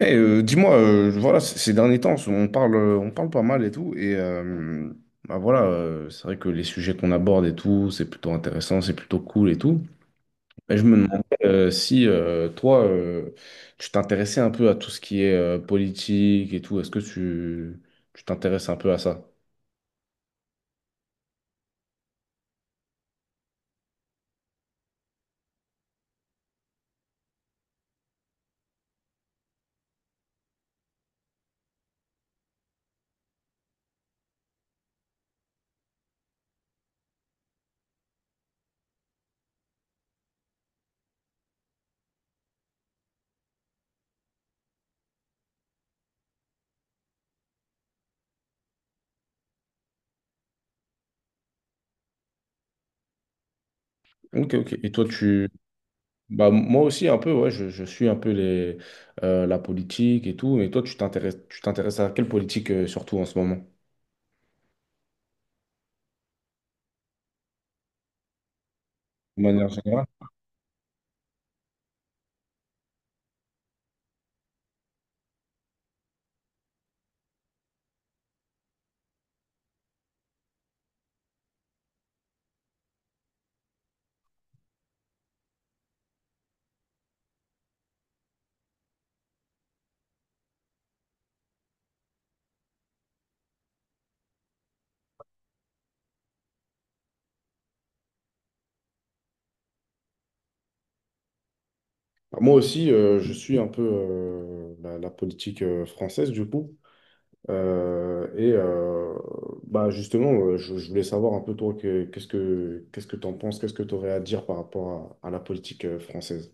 Dis-moi, voilà, ces derniers temps, on parle pas mal et tout, et voilà, c'est vrai que les sujets qu'on aborde et tout, c'est plutôt intéressant, c'est plutôt cool et tout. Et je me demandais si toi, tu t'intéressais un peu à tout ce qui est politique et tout, tu t'intéresses un peu à ça? Ok, ok. Et toi, tu, bah Moi aussi un peu, ouais, je suis un peu la politique et tout, et toi, tu t'intéresses à quelle politique surtout en ce moment? De manière générale. Bah, moi aussi, je suis un peu la politique française, du coup. Euh, et euh, Justement, je voulais savoir un peu, toi, que- qu'est-ce que qu'est-ce que tu en penses, qu'est-ce que tu aurais à dire par rapport à la politique française.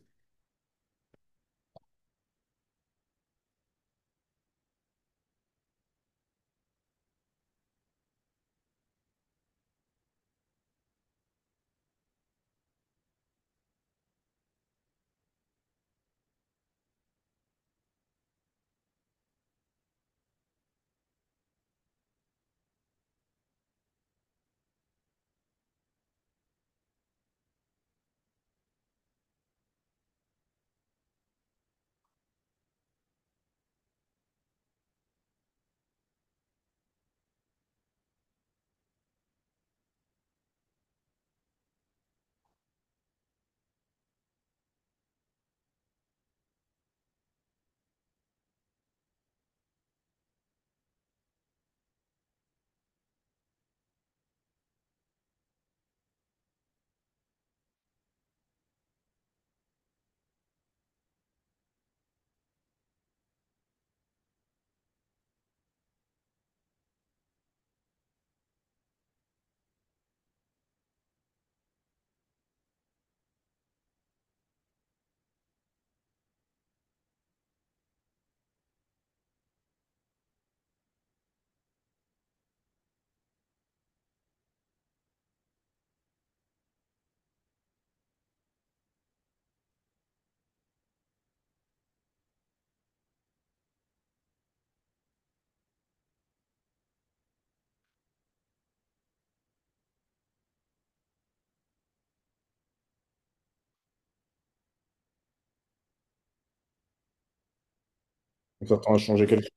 On s'attend à changer quelque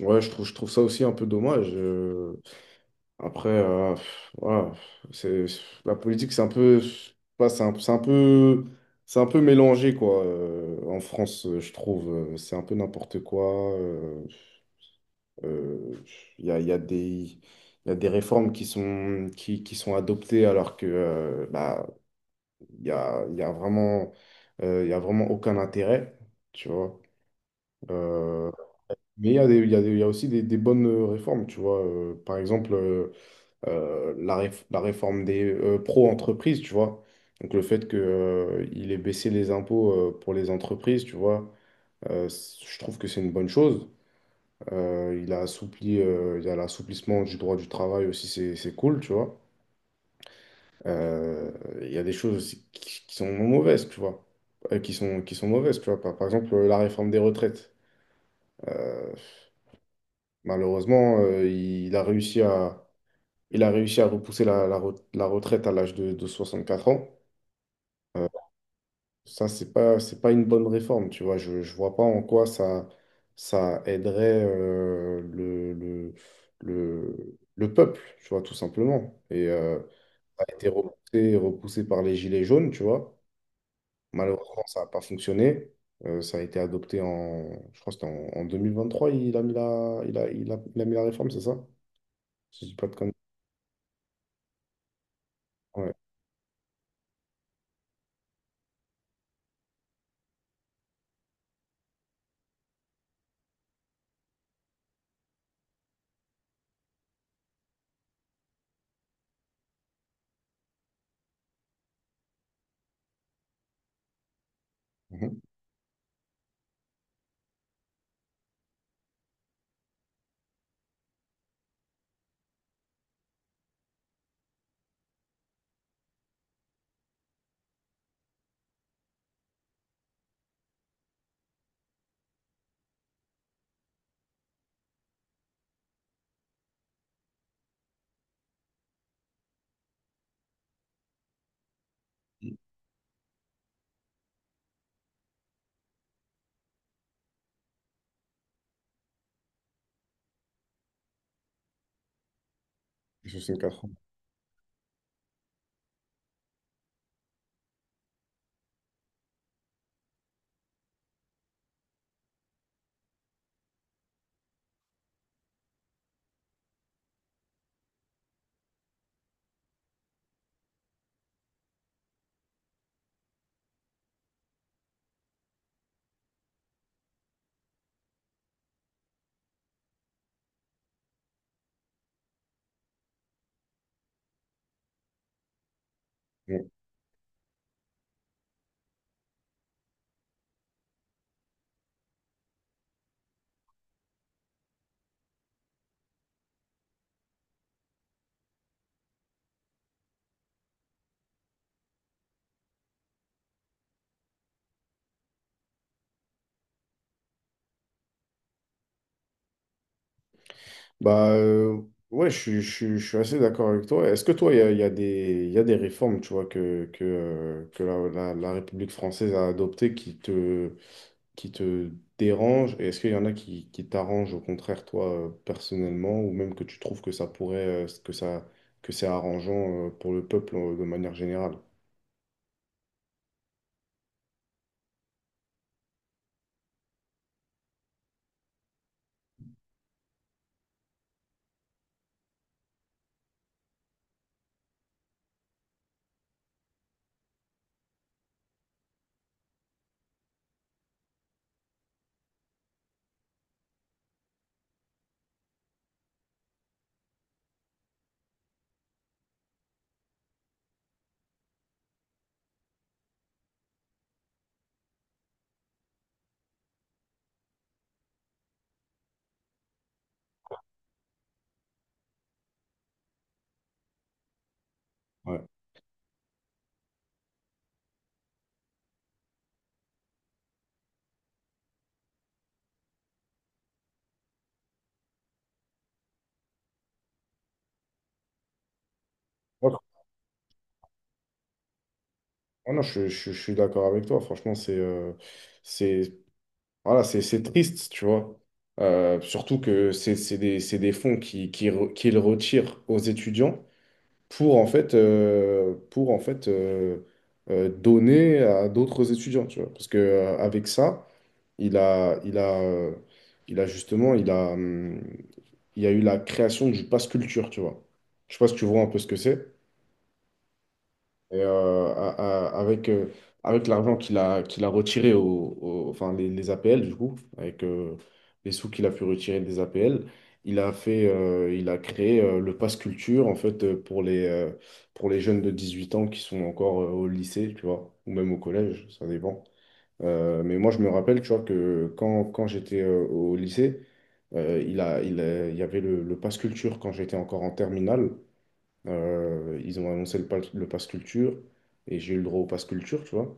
chose. Ouais, je trouve ça aussi un peu dommage. Après, voilà, c'est, la politique, c'est un peu, je sais pas, c'est un peu mélangé, quoi, en France, je trouve. C'est un peu n'importe quoi. Euh, il y a des réformes qui sont adoptées alors que il y a vraiment, il y a vraiment aucun intérêt, tu vois. Euh, mais il y a aussi des bonnes réformes, tu vois. Par exemple, la réforme des pro-entreprises, tu vois. Donc le fait que, il ait baissé les impôts pour les entreprises, tu vois, je trouve que c'est une bonne chose. Il y a l'assouplissement du droit du travail aussi, c'est cool, tu vois. Euh, il y a des choses aussi qui sont mauvaises, tu vois. Par, par exemple, la réforme des retraites. Euh, Malheureusement, il a réussi à repousser la retraite à l'âge de 64 ans. Euh, Ça, c'est pas une bonne réforme, tu vois. Je vois pas en quoi ça, ça aiderait le peuple, tu vois, tout simplement. Et ça a été repoussé par les Gilets jaunes, tu vois. Malheureusement, ça n'a pas fonctionné. Ça a été adopté en, je crois que c'était en 2023, il a mis la réforme, c'est ça? Si je dis pas de conneries. Ouais. Mhm. 64 ans. Bah euh, ouais, je suis assez d'accord avec toi. Est-ce que toi, il y a des réformes, tu vois, que la République française a adoptées qui te dérangent? Et est-ce qu'il y en a qui t'arrangent au contraire, toi, personnellement, ou même que tu trouves que ça pourrait, que c'est arrangeant pour le peuple de manière générale? Ouais. Ouais, ah non, je suis d'accord avec toi. Franchement, c'est voilà, c'est triste, tu vois. Surtout que c'est des fonds qu'ils retirent aux étudiants pour, en fait donner à d'autres étudiants, tu vois. Parce que, avec ça, il a, il a, il a justement, il a, il y a eu la création du pass culture, tu vois. Je sais pas si tu vois un peu ce que c'est. Et, avec avec l'argent qu'il a retiré, enfin les APL du coup, avec les sous qu'il a pu retirer des APL, il a créé le Pass Culture en fait pour les jeunes de 18 ans qui sont encore au lycée, tu vois, ou même au collège, ça dépend. Mais moi je me rappelle, tu vois, que quand j'étais au lycée, il y avait le Pass Culture quand j'étais encore en terminale. Ils ont annoncé le pass culture et j'ai eu le droit au pass culture, tu vois.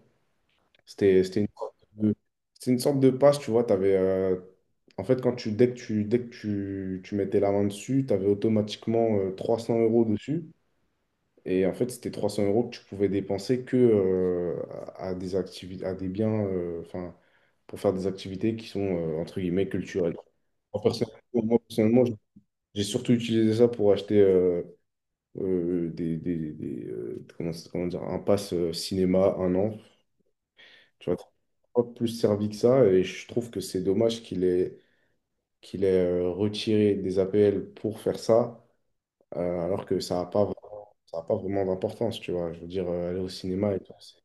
C'était une sorte de, c'était une sorte de pass, tu vois. En fait, quand tu, dès que tu, dès que tu mettais la main dessus, tu avais automatiquement 300 € dessus. Et en fait, c'était 300 € que tu pouvais dépenser que à des activités, à des biens, enfin, pour faire des activités qui sont, entre guillemets, culturelles. Moi, personnellement, Moi, personnellement, j'ai surtout utilisé ça pour acheter, comment dire, un pass cinéma, un an. Tu vois, pas plus servi que ça. Et je trouve que c'est dommage qu'il ait retiré des APL pour faire ça, alors que ça n'a pas, ça a pas vraiment d'importance, tu vois. Je veux dire, aller au cinéma, et tout, c'est-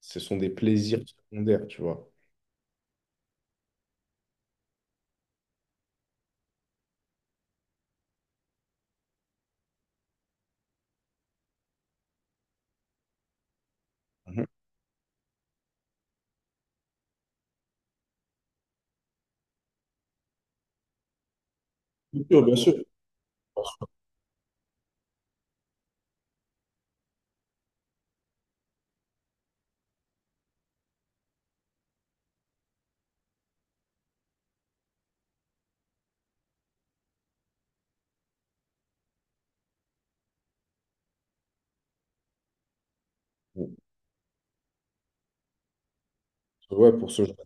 ce sont des plaisirs secondaires, tu vois. Mhm. Bien sûr. Ouais, pour ce genre.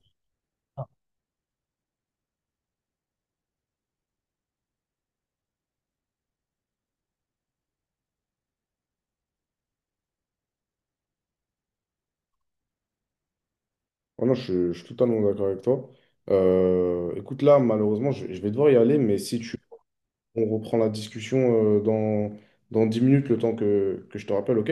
Ah non, je suis totalement d'accord avec toi. Écoute, là, malheureusement, je vais devoir y aller, mais si tu on reprend la discussion dans 10 minutes, le temps que je te rappelle, ok?